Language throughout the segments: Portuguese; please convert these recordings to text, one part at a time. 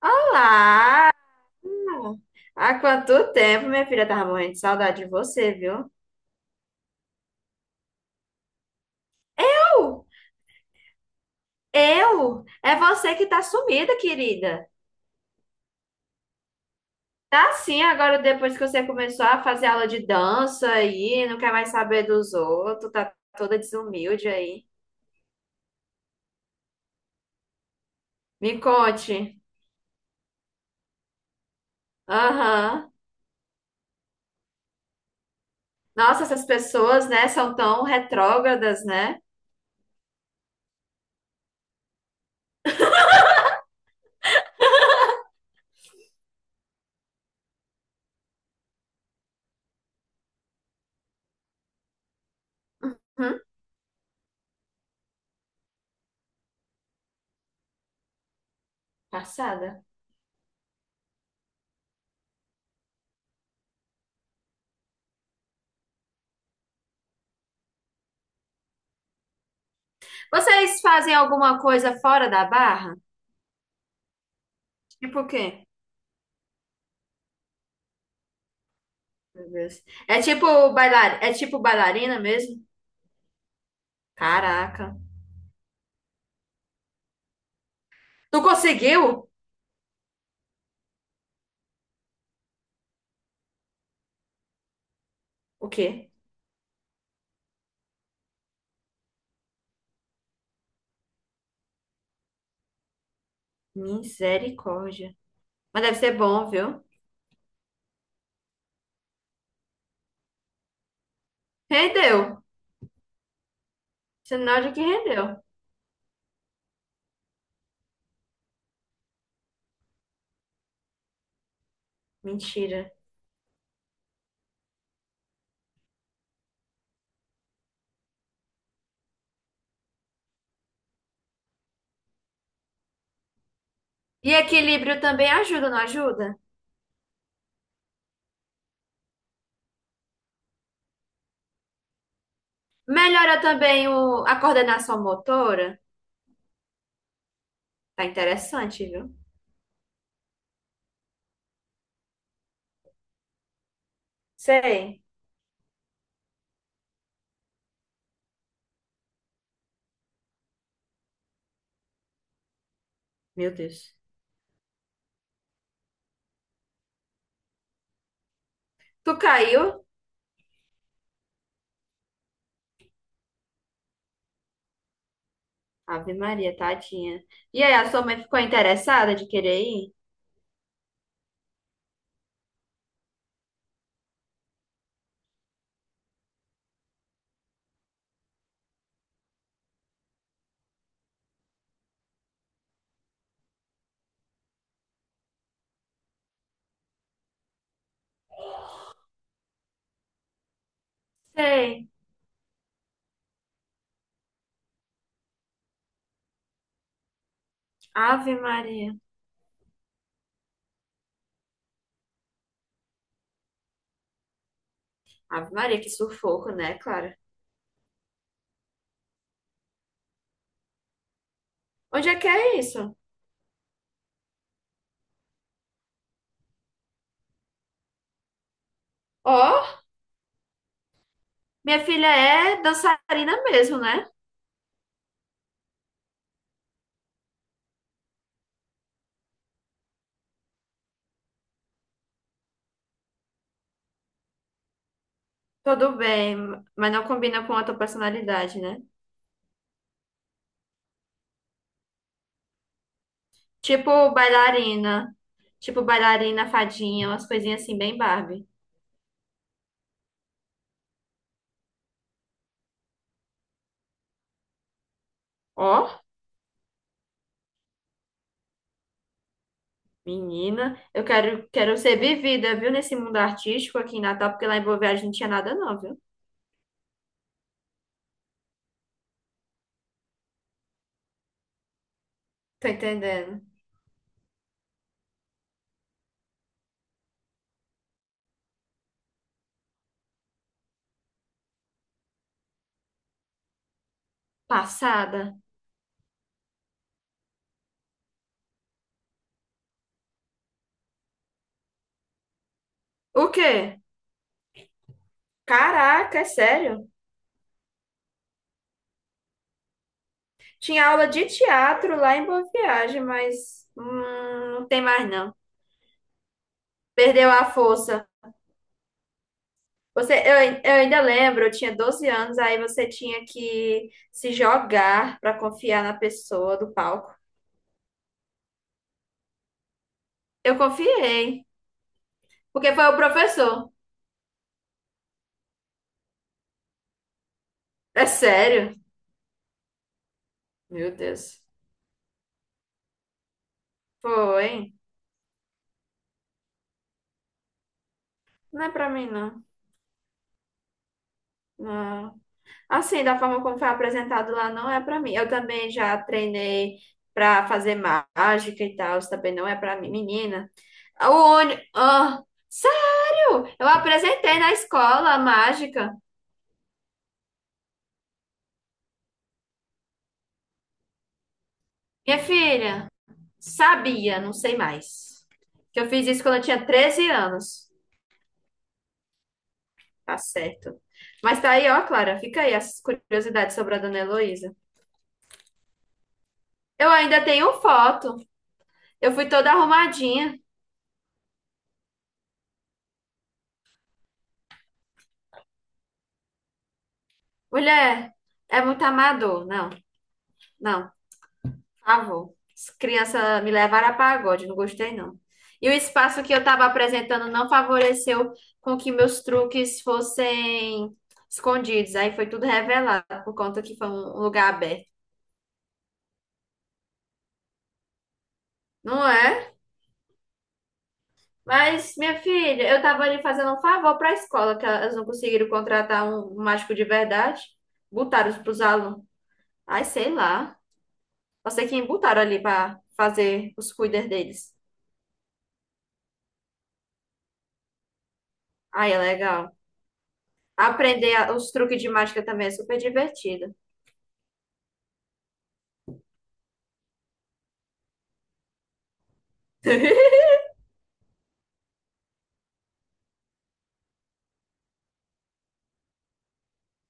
Olá! Há quanto tempo, minha filha? Tava morrendo de saudade de você, viu? Eu? Eu? É você que tá sumida, querida. Tá sim, agora depois que você começou a fazer aula de dança aí, não quer mais saber dos outros, tá toda desumilde aí. Me conte. Aham. Nossa, essas pessoas, né, são tão retrógradas, né? Hum, passada. Vocês fazem alguma coisa fora da barra? Tipo o quê? Meu Deus. É tipo bailar... é tipo bailarina mesmo? Caraca. Tu conseguiu? O quê? Misericórdia. Mas deve ser bom, viu? Rendeu. Sinal de que rendeu. Mentira. E equilíbrio também ajuda, não ajuda? Melhora também o... a coordenação motora. Tá interessante, viu? Sei. Meu Deus. Tu caiu? Ave Maria, tadinha. E aí, a sua mãe ficou interessada de querer ir? Sei. Ave Maria. Ave Maria, que sufoco, né, Clara? Onde é que é isso? Ó, minha filha é dançarina mesmo, né? Tudo bem, mas não combina com a tua personalidade, né? Tipo bailarina, tipo bailarina fadinha, umas coisinhas assim bem Barbie. Ó, menina, eu quero, quero ser vivida, viu, nesse mundo artístico aqui em Natal, porque lá em Boa Viagem não tinha nada não, viu? Tô entendendo. Passada. O quê? Caraca, é sério? Tinha aula de teatro lá em Boa Viagem, mas não tem mais não. Perdeu a força. Você, eu ainda lembro, eu tinha 12 anos, aí você tinha que se jogar para confiar na pessoa do palco. Eu confiei, porque foi o professor. É sério? Meu Deus. Foi. Não é pra mim, não. Não. Assim, da forma como foi apresentado lá, não é para mim. Eu também já treinei para fazer mágica e tal, isso também não é para mim. Menina, o ônibus. Ah, sério? Eu apresentei na escola a mágica. Minha filha, sabia, não sei mais. Que eu fiz isso quando eu tinha 13 anos. Tá certo. Mas tá aí, ó, Clara, fica aí essas curiosidades sobre a dona Heloísa. Eu ainda tenho foto. Eu fui toda arrumadinha. Mulher, é muito amador. Não, não. Favor. Criança me levaram a pagode, não gostei não. E o espaço que eu estava apresentando não favoreceu com que meus truques fossem escondidos. Aí foi tudo revelado, por conta que foi um lugar aberto. Não é? Mas, minha filha, eu estava ali fazendo um favor para a escola, que elas não conseguiram contratar um mágico de verdade. Botaram para os alunos. Ai, sei lá. Não sei quem botaram ali para fazer os cuidados deles. Ai, é legal. Aprender os truques de mágica também é super divertido.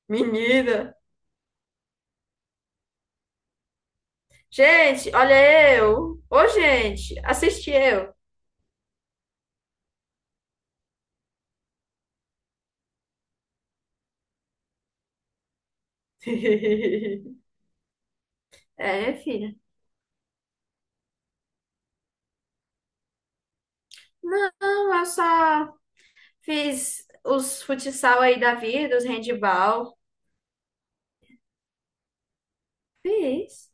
Menina. Gente, olha eu. Ô, gente, assisti eu. É, minha filha. Não, eu só fiz os futsal aí da vida, os handball. Fiz.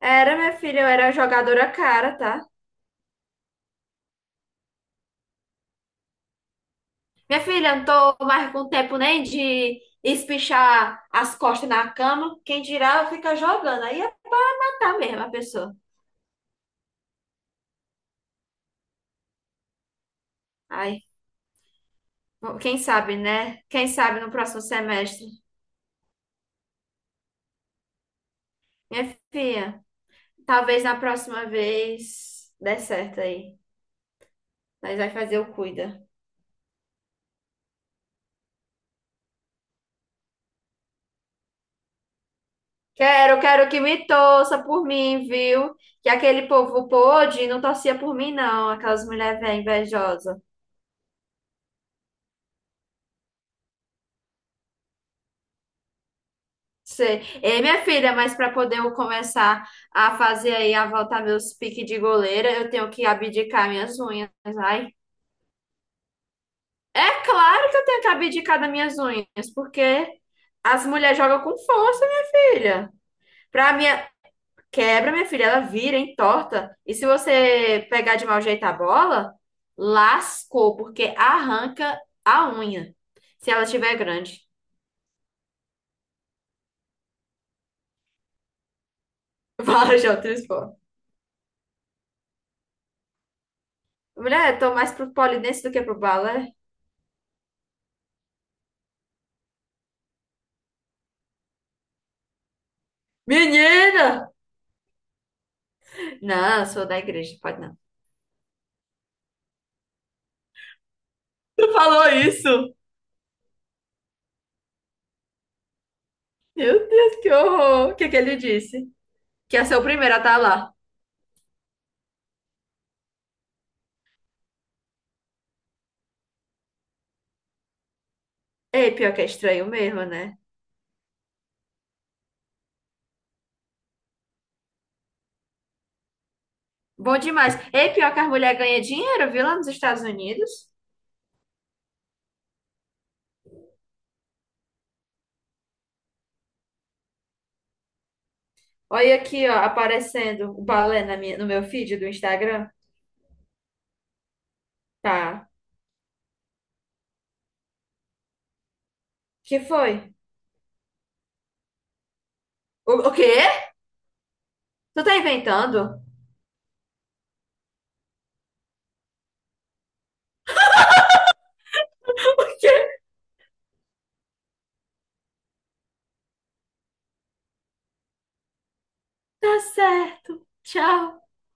Era, minha filha, eu era jogadora cara, tá? Minha filha, eu não tô mais com tempo nem de espichar as costas na cama. Quem dirá, fica jogando. Aí é matar mesmo a pessoa. Aí quem sabe, né? Quem sabe no próximo semestre. Minha filha, talvez na próxima vez dê certo aí. Nós vai fazer o cuida. Quero, quero que me torça por mim, viu? Que aquele povo pôde não torcia por mim, não. Aquelas mulheres velhas invejosas. Sei. Ei, minha filha, mas para poder eu começar a fazer aí, a voltar meus piques de goleira, eu tenho que abdicar minhas unhas. Ai, é claro que eu tenho que abdicar das minhas unhas, porque as mulheres jogam com força, minha filha. Pra minha quebra, minha filha, ela vira, entorta. E se você pegar de mau jeito a bola, lascou, porque arranca a unha, se ela tiver grande. Fala, João Trispó. Mulher, eu tô mais pro polidense do que pro balé. Menina! Não, eu sou da igreja, pode não. Tu falou isso? Meu Deus, que horror! O que que ele disse? Que ia ser o primeiro a estar lá. Ei, pior que é estranho mesmo, né? Bom demais. Ei, pior que as mulheres ganham dinheiro, viu, lá nos Estados Unidos? Olha aqui, ó, aparecendo o balé na minha, no meu feed do Instagram. Tá. Que foi? O quê? Tu tá inventando? O quê? Tá certo. Tchau.